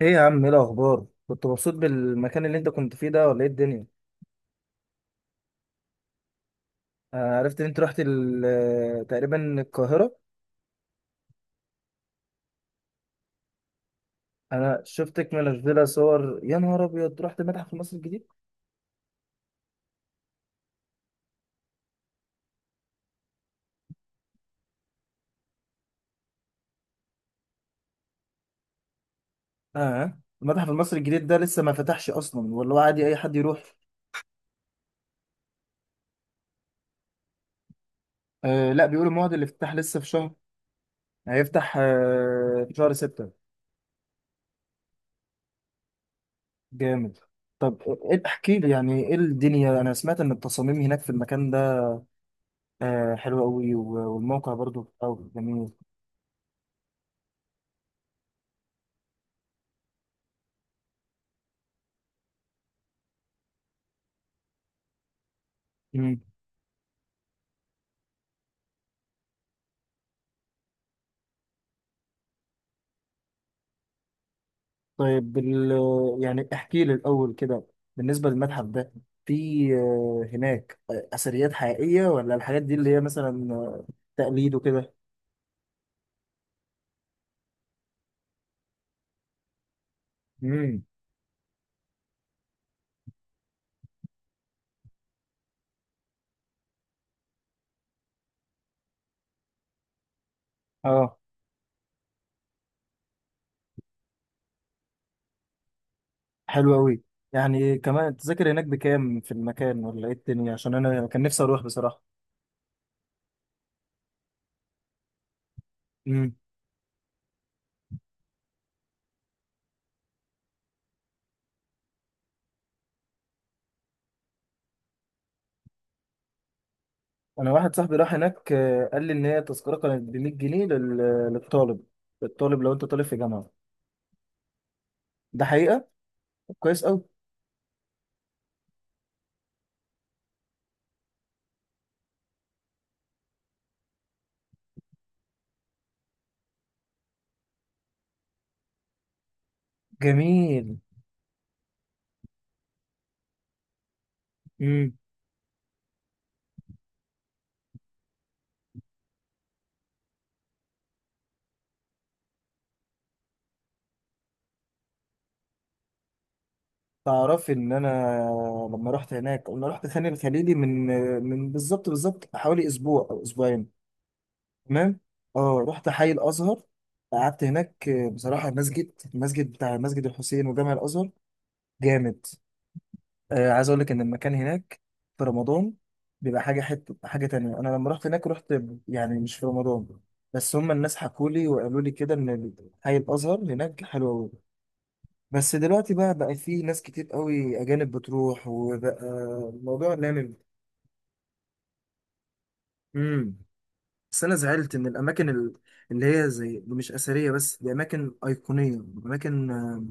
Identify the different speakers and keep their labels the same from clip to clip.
Speaker 1: ايه يا عم، ايه الاخبار؟ كنت مبسوط بالمكان اللي انت كنت فيه ده ولا ايه الدنيا؟ عرفت ان انت رحت تقريبا القاهره. انا شفتك منزله صور، يا نهار ابيض، رحت المتحف المصري الجديد! اه، المتحف المصري الجديد ده لسه ما فتحش اصلا ولا هو عادي اي حد يروح؟ آه لا، بيقولوا موعد الافتتاح لسه في شهر. هيفتح في شهر ستة. جامد. طب ايه إيه، احكي لي يعني ايه الدنيا. انا سمعت ان التصاميم هناك في المكان ده آه حلوه قوي، والموقع برضو أوي جميل. طيب بال... يعني احكي لي الأول كده، بالنسبة للمتحف ده، في هناك أثريات حقيقية ولا الحاجات دي اللي هي مثلا تقليد وكده؟ امم. اه حلو أوي. يعني كمان التذاكر هناك بكام في المكان ولا إيه الدنيا؟ عشان أنا كان نفسي أروح بصراحة. امم. أنا واحد صاحبي راح هناك، قال لي إن هي التذكرة كانت ب 100 جنيه للطالب، للطالب لو أنت طالب في جامعة. ده حقيقة؟ طب كويس أوي. جميل. تعرفي ان انا لما رحت هناك، انا رحت خان الخليلي من بالظبط حوالي اسبوع او اسبوعين. تمام. اه، رحت حي الازهر، قعدت هناك بصراحه. المسجد، المسجد بتاع مسجد الحسين وجامع الازهر، جامد. عايز اقول لك ان المكان هناك في رمضان بيبقى حاجه، حته حاجه تانية. انا لما رحت هناك رحت يعني مش في رمضان، بس هم الناس حكوا لي وقالوا لي كده ان حي الازهر هناك حلو قوي. بس دلوقتي بقى في ناس كتير قوي اجانب بتروح، وبقى الموضوع لامم. امم. بس انا زعلت ان اللي هي زي مش اثريه بس، دي اماكن ايقونيه، اماكن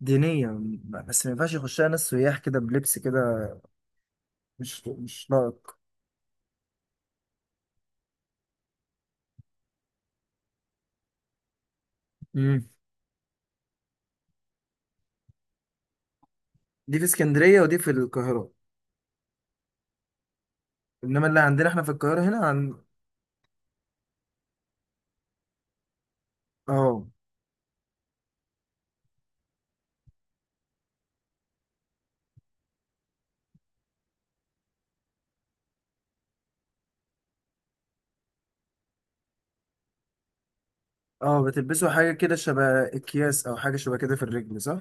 Speaker 1: دينيه. بس ما ينفعش يخشها ناس سياح كده بلبس كده، مش لائق. امم. دي في اسكندريه ودي في القاهره، انما اللي عندنا احنا في القاهره هنا عن. اه. اه، بتلبسوا حاجه كده شبه اكياس او حاجه شبه كده في الرجل، صح؟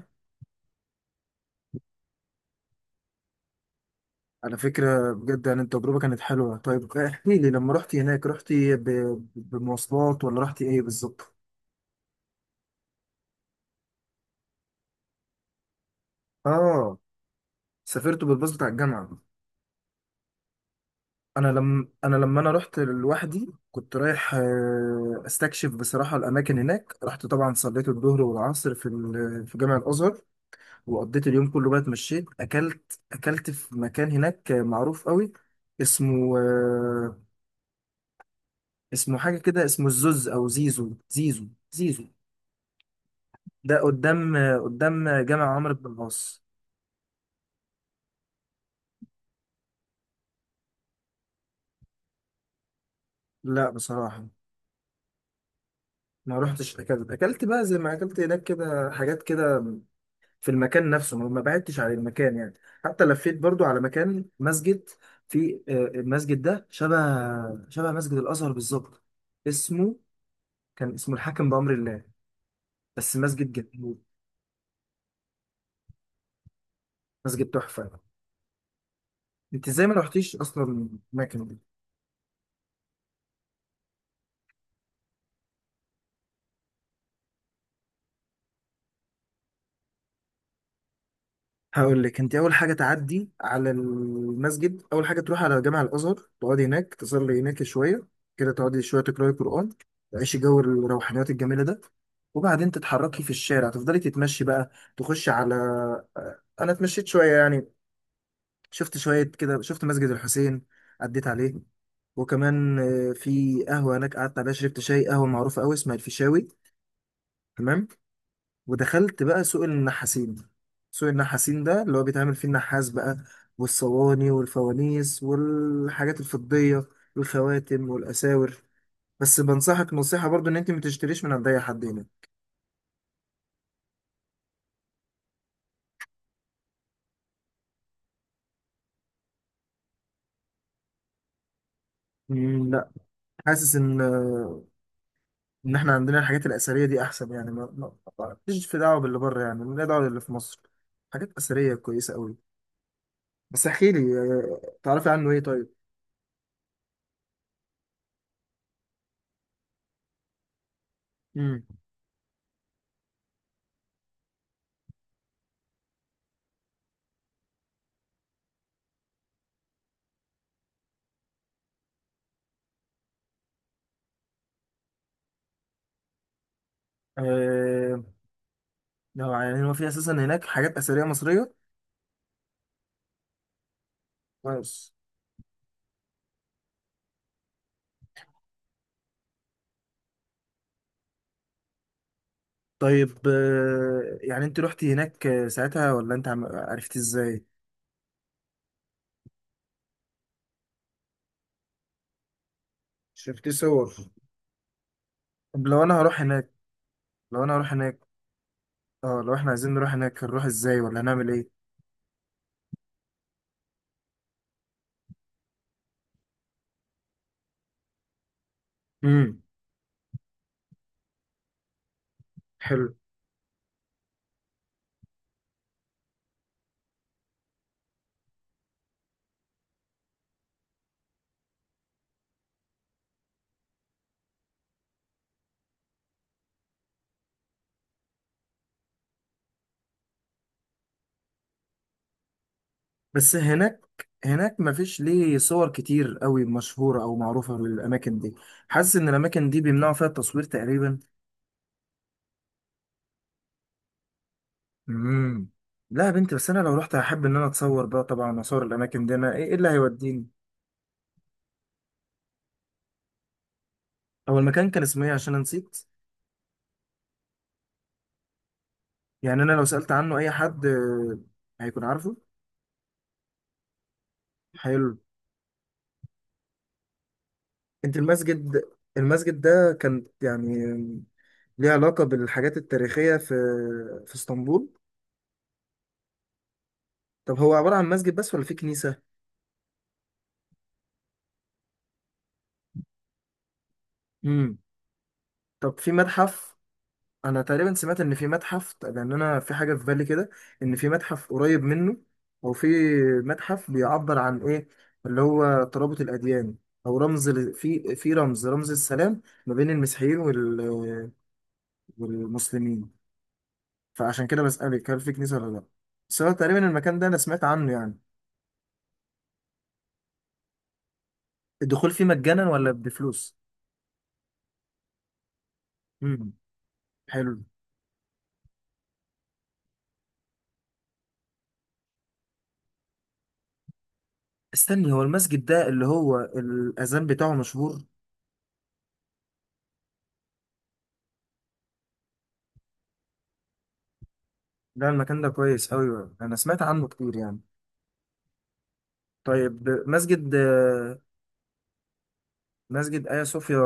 Speaker 1: على فكرة بجد، يعني التجربة كانت حلوة. طيب احكي لي، لما رحتي هناك رحتي بمواصلات ولا رحتي ايه بالظبط؟ اه. سافرت بالباص بتاع الجامعة. انا رحت لوحدي كنت رايح استكشف بصراحة الاماكن هناك. رحت طبعا صليت الظهر والعصر في جامع الازهر. وقضيت اليوم كله بقى، اتمشيت، اكلت في مكان هناك معروف قوي، اسمه اسمه حاجة كده، اسمه الزوز او زيزو، زيزو، زيزو. ده قدام، قدام جامع عمرو بن العاص. لا بصراحة، ما روحتش. أكلت بقى زي ما أكلت هناك كده حاجات كده، في المكان نفسه، ما بعدتش عن المكان يعني. حتى لفيت برضو على مكان مسجد، في المسجد ده شبه مسجد الأزهر بالظبط. اسمه، كان اسمه الحاكم بأمر الله. بس مسجد جميل. مسجد تحفة. أنت إزاي ما روحتيش أصلا المكان؟ هقول لك، انت اول حاجه تعدي على المسجد، اول حاجه تروح على جامع الازهر، تقعدي هناك تصلي هناك شويه كده، تقعدي شويه تقراي قران، تعيشي جو الروحانيات الجميله ده. وبعدين تتحركي في الشارع، تفضلي تتمشي بقى، تخشي على انا اتمشيت شويه يعني، شفت شويه كده، شفت مسجد الحسين، عديت عليه. وكمان في قهوه هناك قعدت عليها، شربت شاي، قهوه معروفه قوي اسمها الفيشاوي. تمام. ودخلت بقى سوق النحاسين. سوق النحاسين ده اللي هو بيتعمل فيه النحاس بقى، والصواني والفوانيس والحاجات الفضية والخواتم والأساور. بس بنصحك نصيحة برضو إن أنت ما تشتريش من عند أي حد هنا. مم، لا. حاسس إن إحنا عندنا الحاجات الأثرية دي أحسن، يعني ماليش في دعوة باللي بره، يعني ماليش دعوة باللي في مصر. حاجات أثرية كويسة أوي. بس احكي لي تعرفي عنه إيه طيب؟ امم. آه... يعني هو في أساسا هناك حاجات أثرية مصرية؟ كويس. طيب يعني انت رحتي هناك ساعتها ولا انت عرفتي ازاي؟ شفت صور؟ طب لو انا هروح هناك، لو انا هروح هناك، اه، لو احنا عايزين نروح هناك هنروح ازاي ولا هنعمل ايه؟ امم. حلو. بس هناك مفيش ليه صور كتير قوي مشهورة او معروفة للاماكن دي. حاسس ان الاماكن دي بيمنعوا فيها التصوير تقريبا. امم. لا يا بنتي، بس انا لو رحت هحب ان انا اتصور بقى طبعا، اصور الاماكن دي، انا ايه اللي هيوديني؟ هو المكان كان اسمه ايه؟ عشان أنا نسيت. يعني انا لو سألت عنه اي حد هيكون عارفه؟ حلو. انت المسجد، المسجد ده كان يعني ليه علاقة بالحاجات التاريخية في في اسطنبول؟ طب هو عبارة عن مسجد بس ولا في كنيسة؟ امم. طب في متحف؟ انا تقريبا سمعت ان في متحف، لان انا في حاجة في بالي كده ان في متحف قريب منه، او في متحف بيعبر عن ايه، اللي هو ترابط الاديان، او رمز ل- في في رمز رمز السلام ما بين المسيحيين وال والمسلمين. فعشان كده بسألك هل في كنيسة ولا لا. بس هو تقريبا المكان ده انا سمعت عنه يعني. الدخول فيه مجانا ولا بفلوس؟ امم. حلو. استني، هو المسجد ده اللي هو الأذان بتاعه مشهور؟ ده المكان ده كويس قوي، انا سمعت عنه كتير يعني. طيب مسجد، مسجد آيا صوفيا.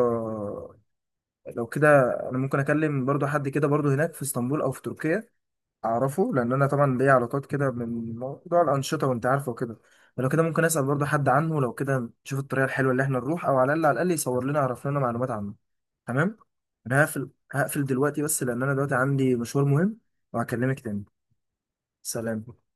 Speaker 1: لو كده، انا ممكن اكلم برضو حد كده برضو هناك في اسطنبول او في تركيا اعرفه، لان انا طبعا ليا علاقات كده من موضوع الانشطه وانت عارفه وكده. فلو كده ممكن اسال برضه حد عنه، لو كده نشوف الطريقه الحلوه اللي احنا نروح، او على الاقل يصور لنا، يعرف لنا معلومات عنه. تمام. انا هقفل دلوقتي بس لان انا دلوقتي عندي مشوار مهم، وهكلمك تاني. سلام.